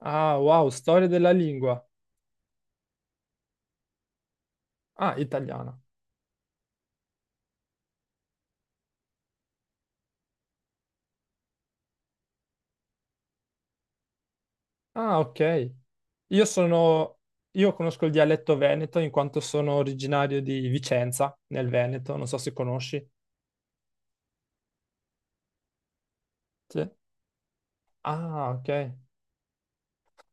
Ah, wow, storia della lingua. Ah, italiana. Ah, ok. Io sono... Io conosco il dialetto veneto in quanto sono originario di Vicenza, nel Veneto. Non so se conosci. Sì. Ah, ok.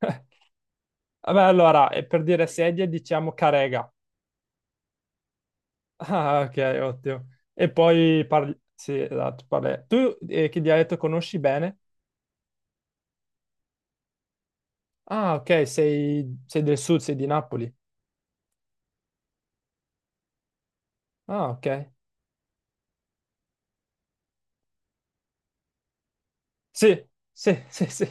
Vabbè, allora, e per dire sedia diciamo carega. Ah, ok, ottimo. Sì, esatto, tu, che dialetto conosci bene? Ah, ok, sei del sud, sei di Napoli. Ah, ok. Sì, sì, sì, sì.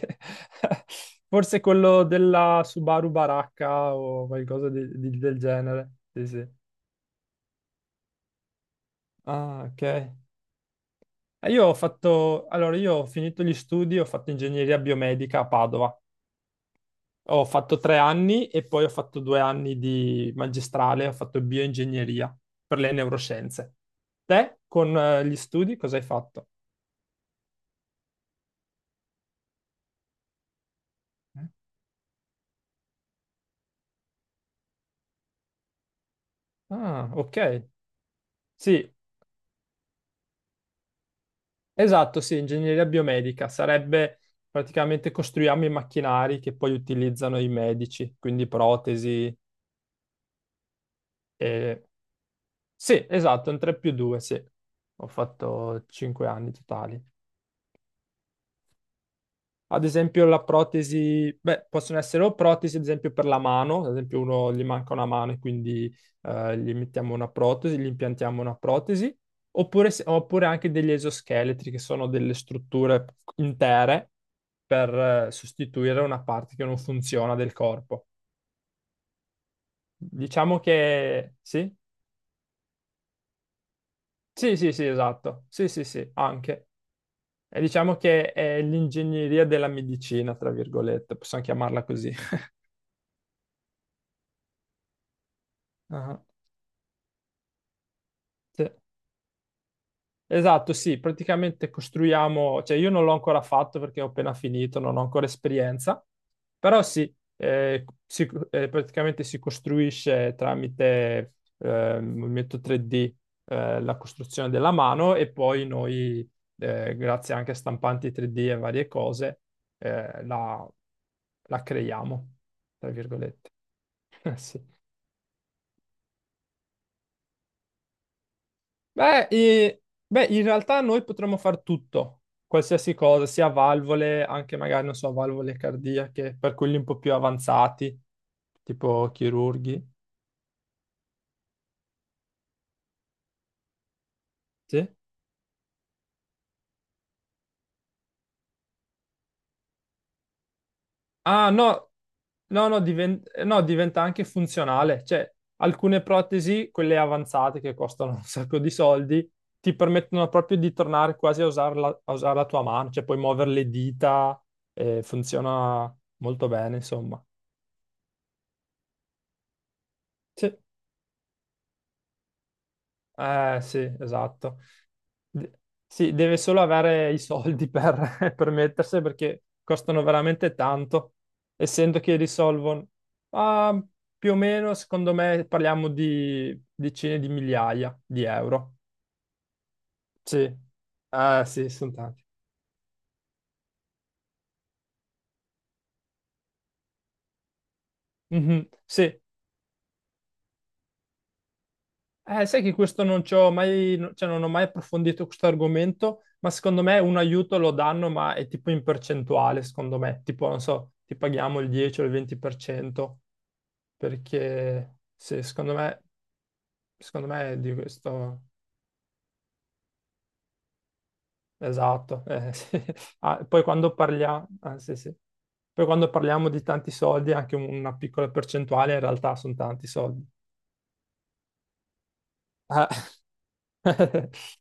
Forse quello della Subaru Baracca o qualcosa del genere. Sì, sì. Ah, ok. Allora io ho finito gli studi, ho fatto ingegneria biomedica a Padova. Ho fatto 3 anni e poi ho fatto 2 anni di magistrale, ho fatto bioingegneria per le neuroscienze. Te con gli studi cosa hai fatto? Eh? Ah, ok. Sì, esatto, sì, ingegneria biomedica sarebbe praticamente costruiamo i macchinari che poi utilizzano i medici, quindi protesi e... Sì, esatto, un 3 più 2, sì. Ho fatto 5 anni totali. Ad esempio la protesi, beh, possono essere o protesi, ad esempio per la mano, ad esempio uno gli manca una mano e quindi gli mettiamo una protesi, gli impiantiamo una protesi, oppure, oppure anche degli esoscheletri che sono delle strutture intere per sostituire una parte che non funziona del corpo. Diciamo che sì, sì, sì, sì, esatto, sì, sì, sì, anche. E diciamo che è l'ingegneria della medicina, tra virgolette, possiamo chiamarla così. Ah, sì. Esatto, sì, praticamente costruiamo, cioè io non l'ho ancora fatto perché ho appena finito, non ho ancora esperienza, però sì, praticamente si costruisce tramite movimento 3D la costruzione della mano e poi noi, grazie anche a stampanti 3D e varie cose, eh, la, la creiamo, tra virgolette. Sì. Beh, in realtà noi potremmo fare tutto, qualsiasi cosa, sia valvole, anche magari, non so, valvole cardiache, per quelli un po' più avanzati, tipo chirurghi. Sì. Ah, no, no, no, diven- no, diventa anche funzionale. Cioè, alcune protesi, quelle avanzate che costano un sacco di soldi, ti permettono proprio di tornare quasi a usare la tua mano, cioè puoi muovere le dita, funziona molto bene, insomma. Sì. Eh sì, esatto. De- sì, deve solo avere i soldi per permettersi perché costano veramente tanto, essendo che risolvono, ah, più o meno, secondo me, parliamo di decine di migliaia di euro. Sì, ah, sì, sono tanti. Mhm, sì. Sai che questo non ci ho mai, cioè non ho mai approfondito questo argomento, ma secondo me un aiuto lo danno, ma è tipo in percentuale, secondo me, tipo, non so, ti paghiamo il 10 o il 20%. Perché sì, secondo me è di questo esatto. Sì. Ah, poi quando parliamo, ah, sì, sì. Poi quando parliamo di tanti soldi, anche una piccola percentuale in realtà sono tanti soldi. Ah,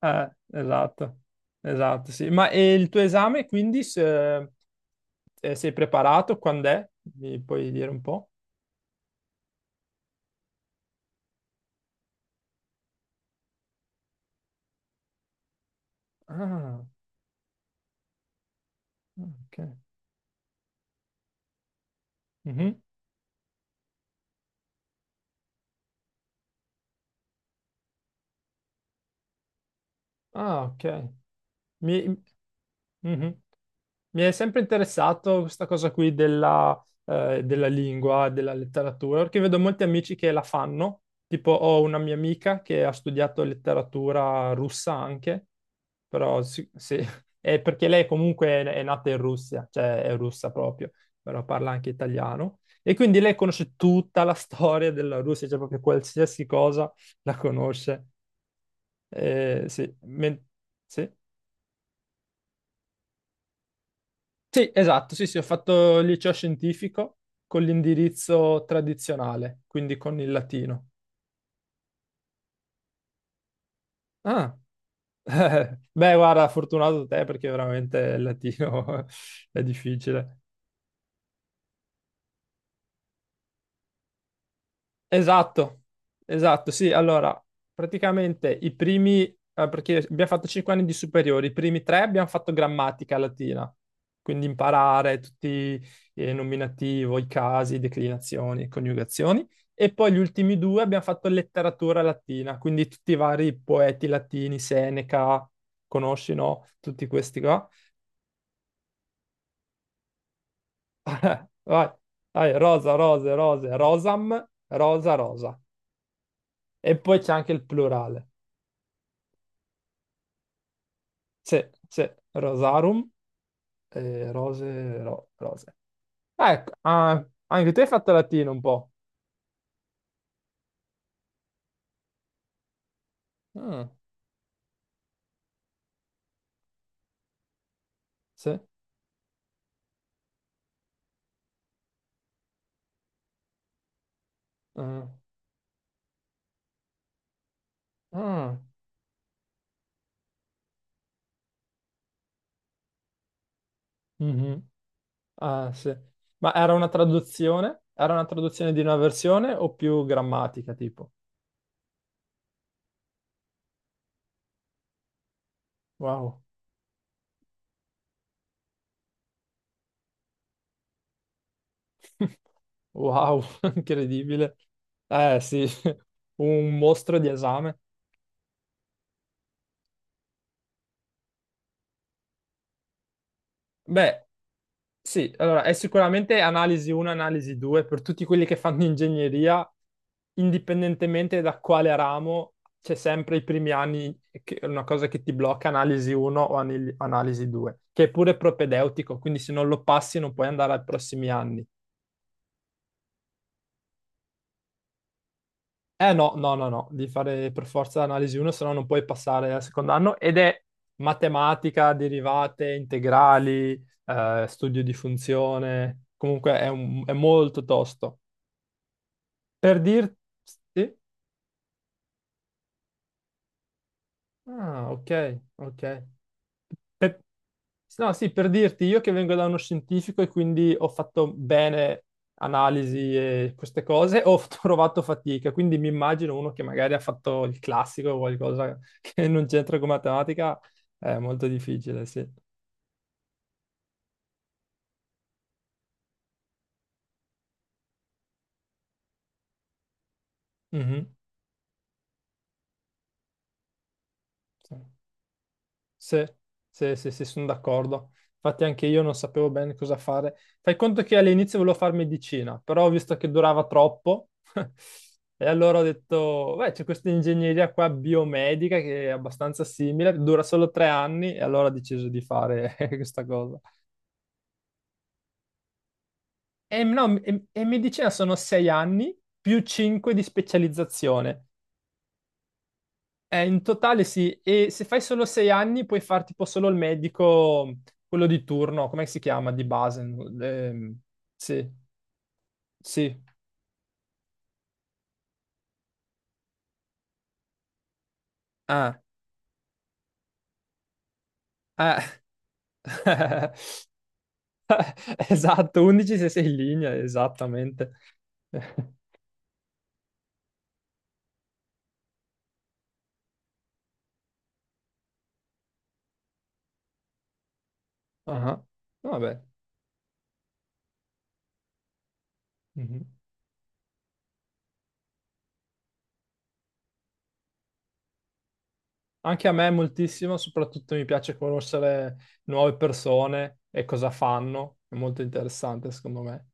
esatto, esatto, sì. Ma e il tuo esame quindi sei preparato? Quando è? Mi puoi dire un po'? Ah, ok. Mhm. Ah, ok. Mi, mhm. Mi è sempre interessato questa cosa qui della lingua, della letteratura, perché vedo molti amici che la fanno. Tipo, ho una mia amica che ha studiato letteratura russa anche, però sì, sì, è perché lei comunque è nata in Russia, cioè è russa proprio, però parla anche italiano. E quindi lei conosce tutta la storia della Russia, cioè proprio qualsiasi cosa la conosce. Sì. Sì. Sì, esatto, sì, sì, ho fatto il liceo scientifico con l'indirizzo tradizionale, quindi con il latino. Ah, beh, guarda, fortunato te perché veramente il latino è difficile. Esatto, esatto, sì, allora, praticamente i primi, perché abbiamo fatto 5 anni di superiori, i primi tre abbiamo fatto grammatica latina, quindi imparare tutti i nominativo, i casi, declinazioni, coniugazioni, e poi gli ultimi due abbiamo fatto letteratura latina, quindi tutti i vari poeti latini, Seneca, conosci, no? Tutti questi qua. Vai, vai, rosa, rose, rose, rosam, rosa, rosa. E poi c'è anche il plurale. Sì, sì, Rosarum, rose, rose. Ah, ecco, ah, anche te hai fatto latino un po'. Ah, sì. Ah, ah, mhm. Ah, sì. Ma era una traduzione? Era una traduzione di una versione o più grammatica, tipo? Wow. Wow, incredibile. Eh sì, un mostro di esame. Beh, sì, allora è sicuramente analisi 1, analisi 2 per tutti quelli che fanno ingegneria, indipendentemente da quale ramo, c'è sempre i primi anni che è una cosa che ti blocca analisi 1 o analisi 2, che è pure propedeutico, quindi se non lo passi non puoi andare ai prossimi anni. Eh no, no, no, no, devi fare per forza analisi 1, se no non puoi passare al secondo anno ed è matematica, derivate, integrali, studio di funzione, comunque è è molto tosto. Per dirti. Ah, ok, ok. Per- No, sì, per dirti, io che vengo da uno scientifico e quindi ho fatto bene analisi e queste cose, ho trovato fatica, quindi mi immagino uno che magari ha fatto il classico o qualcosa che non c'entra con matematica, è molto difficile, sì. Mhm, sì. Sì, sì, sì, sì, sono d'accordo. Infatti anche io non sapevo bene cosa fare. Fai conto che all'inizio volevo fare medicina, però ho visto che durava troppo e allora ho detto, beh, c'è questa ingegneria qua biomedica che è abbastanza simile, dura solo 3 anni e allora ho deciso di fare questa cosa. E, no, e medicina sono 6 anni più cinque di specializzazione. In totale sì, e se fai solo 6 anni puoi fare tipo solo il medico, quello di turno, come si chiama? Di base. Sì, sì. Ah, eh. Esatto, 11 se sei in linea, esattamente. Ah, vabbè. Mhm. Anche a me moltissimo, soprattutto mi piace conoscere nuove persone e cosa fanno, è molto interessante secondo me.